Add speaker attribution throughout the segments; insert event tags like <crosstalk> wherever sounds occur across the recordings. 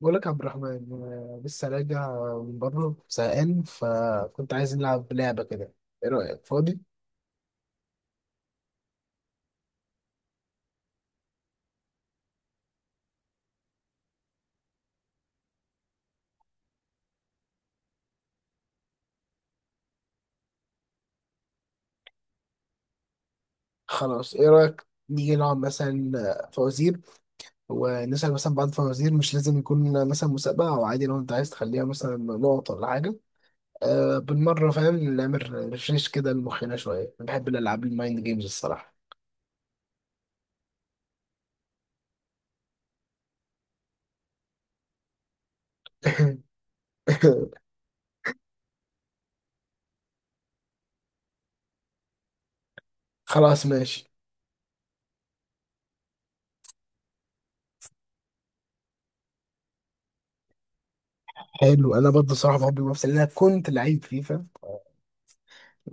Speaker 1: بقول لك يا عبد الرحمن، أنا لسه راجع من بره زهقان، فكنت عايز نلعب لعبة كده. ايه رأيك؟ فاضي؟ خلاص، ايه رأيك نيجي نلعب مثلا فوازير، ونسأل مثلا بعض الفوازير. مش لازم يكون مثلا مسابقة، او عادي لو انت عايز تخليها مثلا نقط ولا حاجة. أه بالمرة، فاهم؟ نعمل ريفريش كده لمخنا شوية. أنا بحب الألعاب، المايند جيمز، الصراحة. <laughs> خلاص ماشي. حلو، انا برضه صراحة بحب المنافسة، لأن انا كنت لعيب فيفا،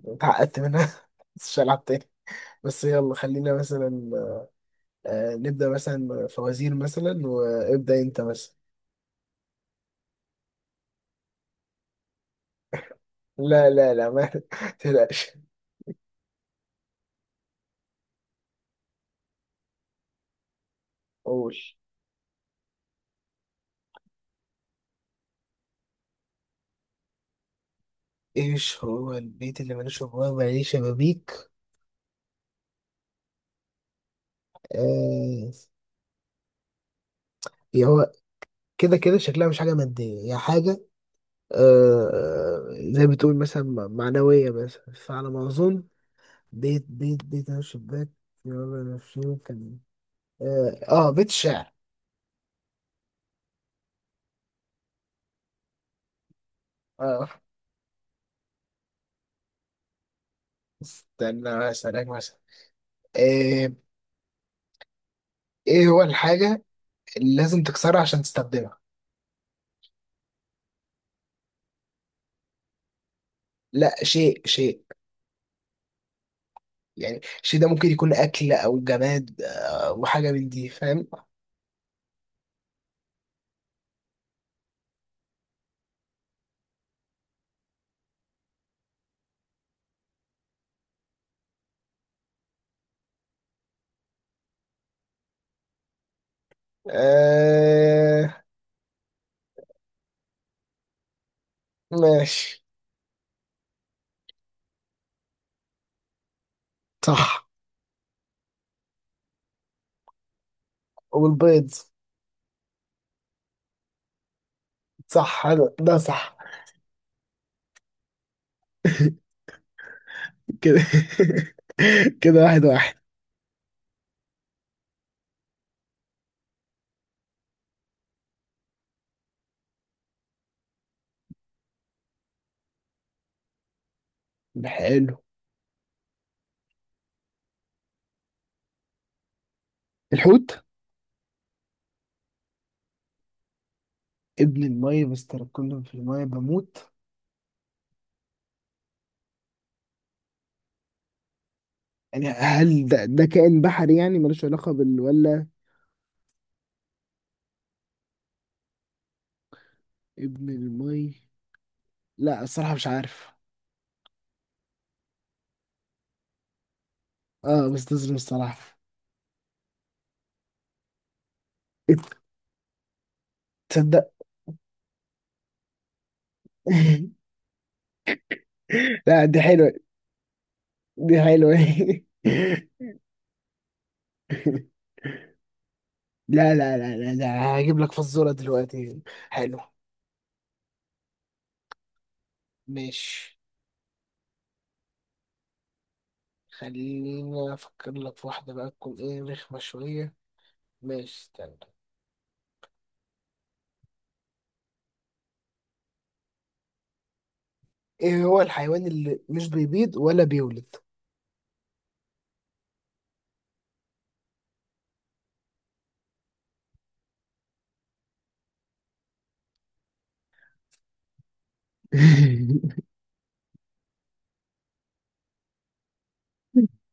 Speaker 1: اتعقدت منها. <laughs> بس مش هلعب تاني. بس يلا خلينا مثلا نبدأ مثلا فوازير. مثلا وابدأ انت مثلا. لا لا لا ما <laughs> تقلقش. قول. ايش هو البيت اللي ملوش ابواب ولا ليه شبابيك؟ آه. هي هو كده كده. شكلها مش حاجة مادية، هي حاجة زي بتقول مثلا معنوية بس، فعلى ما أظن. بيت بيت بيت. أنا شباك. يلا نفسه كان إيه. آه، بيت الشعر. آه. استنى أسألك مثلا. آه، إيه هو الحاجة اللي لازم تكسرها عشان تستخدمها؟ لا، شيء شيء. يعني الشيء ده ممكن يكون أكل أو جماد وحاجة من دي، فاهم؟ آه ماشي. صح. والبيض. صح، حلو ده، صح. <laughs> كده. <laughs> كده واحد واحد. حلو. الحوت. ابن المية، بستركلهم في المية بموت؟ يعني هل ده كائن بحري؟ يعني ملوش علاقة بال ولا؟ ابن المية. لا، الصراحة مش عارف. اه، بستظلم الصراحة. إيه، تصدق. <laughs> لا دي حلوة، دي حلوة. <laughs> لا لا لا لا لا، هجيب لك فزورة دلوقتي. حلو. ماشي، خلينا أفكر لك في واحدة بقى تكون إيه، رخمة شوية. ماشي استنى. إيه هو الحيوان اللي مش بيبيض ولا بيولد؟ <laughs>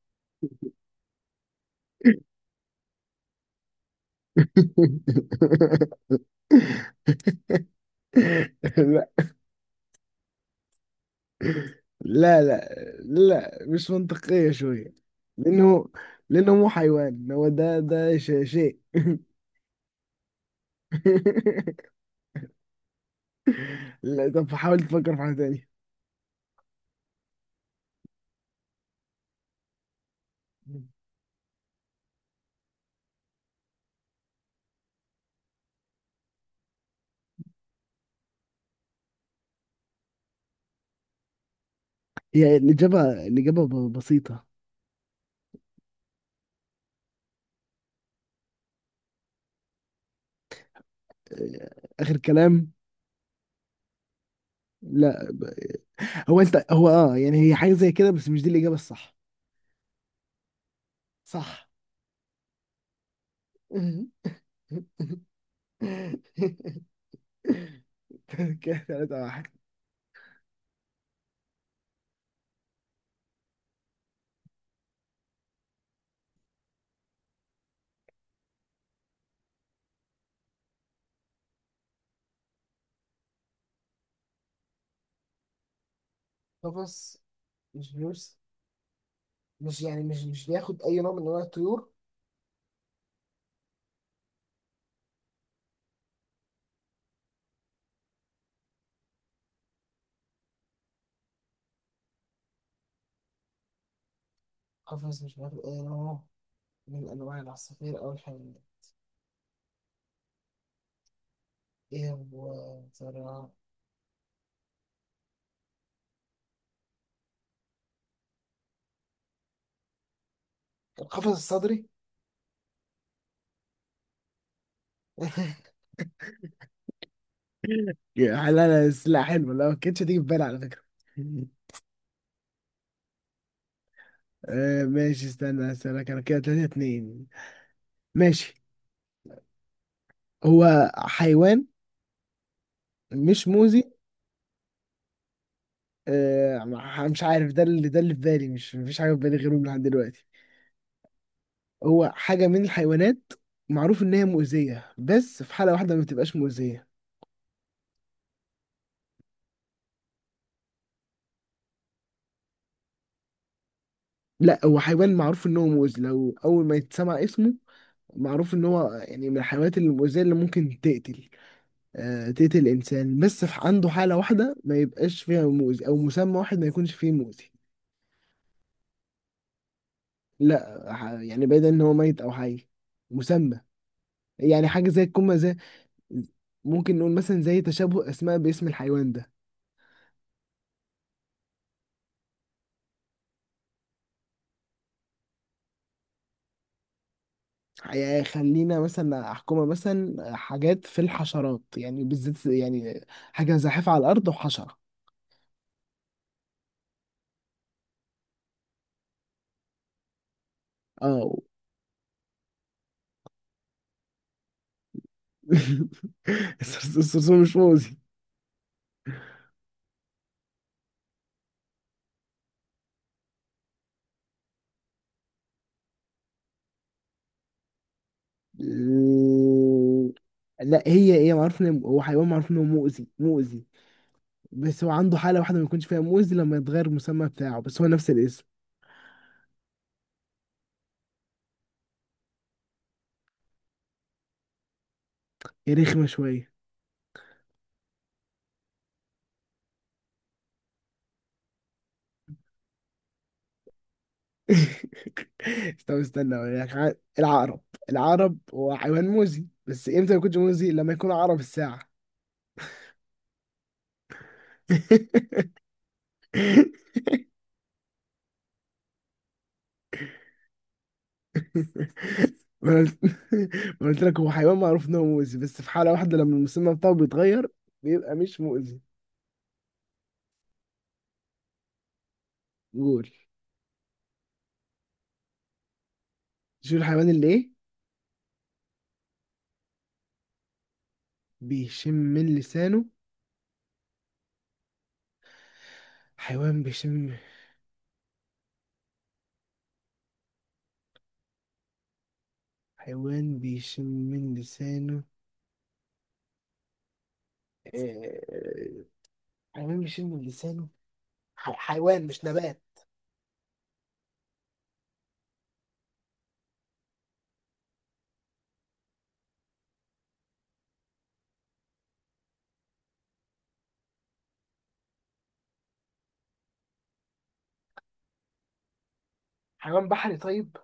Speaker 1: لا لا لا، لا مش منطقية شوية. لأنه، لأنه مو حيوان، هو ده شيء. <laughs> لا، طب حاول تفكر في حاجة تانية. هي الإجابة، الإجابة بسيطة. آه، آخر كلام. لا ب- هو أنت هو أه يعني، هي حاجة زي كده، بس مش دي الإجابة الصح. صح. <laughs> كده تلاتة واحد. قفص مش بيوس. مش يعني مش مش بياخد أي نوع من أنواع الطيور. قفص مش بياخد أي نوع من أنواع العصافير أو الحيوانات. إيه هو يا ترى؟ القفص الصدري. <laughs> يعني لا لا، بس لا حلو، لا، ما كانتش هتيجي في بالي على فكرة. آه ماشي، استنى هسألك انا، كده تلاتة اتنين. ماشي. هو حيوان مش موزي. مش عارف، ده اللي، ده اللي في بالي، مش مفيش حاجة في بالي غيره لحد دلوقتي. هو حاجة من الحيوانات، معروف ان هي مؤذية، بس في حالة واحدة ما بتبقاش مؤذية. لا، هو حيوان معروف ان هو مؤذي، لو اول ما يتسمع اسمه معروف ان هو يعني من الحيوانات المؤذية اللي ممكن تقتل، تقتل الإنسان. بس عنده حالة واحدة ما يبقاش فيها مؤذي، أو مسمى واحد ما يكونش فيه مؤذي. لا ح- يعني بعيدا إن هو ميت أو حي، مسمى. يعني حاجة زي الكوما، زي. ممكن نقول مثلا زي تشابه أسماء باسم الحيوان ده. يعني خلينا مثلا أحكمها مثلا، حاجات في الحشرات يعني، بالذات يعني، حاجة زاحفة على الأرض وحشرة. اه. <laughs> الصرصور؟ الصرصور مش مؤذي. لا هي هي، معروف ان هو حيوان، معروف انه مؤذي. بس هو عنده حالة واحدة ما يكونش فيها موز، لما يتغير المسمى بتاعه، بس هو نفس الاسم. هي رخمة شوية. <laughs> طب استنى اقول لك العقرب. العقرب هو حيوان موزي، بس امتى ما يكونش موزي؟ لما يكون عقرب الساعة. <laughs> ما أنا قلت، ما أنا قلت لك هو حيوان معروف ان هو مؤذي، بس في حالة واحدة لما المسمى بتاعه بيتغير بيبقى مش مؤذي. قول. شو الحيوان اللي ايه، بيشم من لسانه؟ حيوان بيشم، حيوان بيشم من لسانه. آه، حيوان بيشم من لسانه. حيوان مش نبات. حيوان بحري طيب؟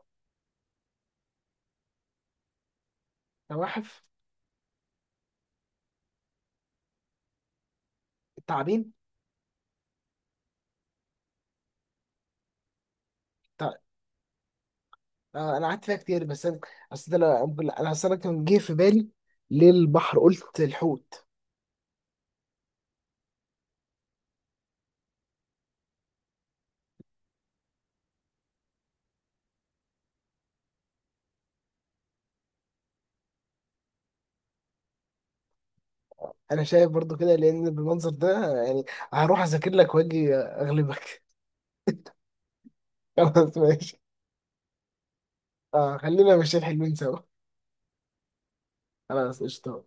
Speaker 1: نواحف. التعابين. تع- آه، انا قعدت فيها كتير، بس انا اصل ده انا اصل انا كان جه في بالي للبحر، قلت الحوت. انا شايف برضو كده، لان بالمنظر ده يعني هروح اذاكر لك واجي اغلبك. <laughs> خلاص ماشي. اه خلينا ماشيين حلوين سوا. خلاص قشطة.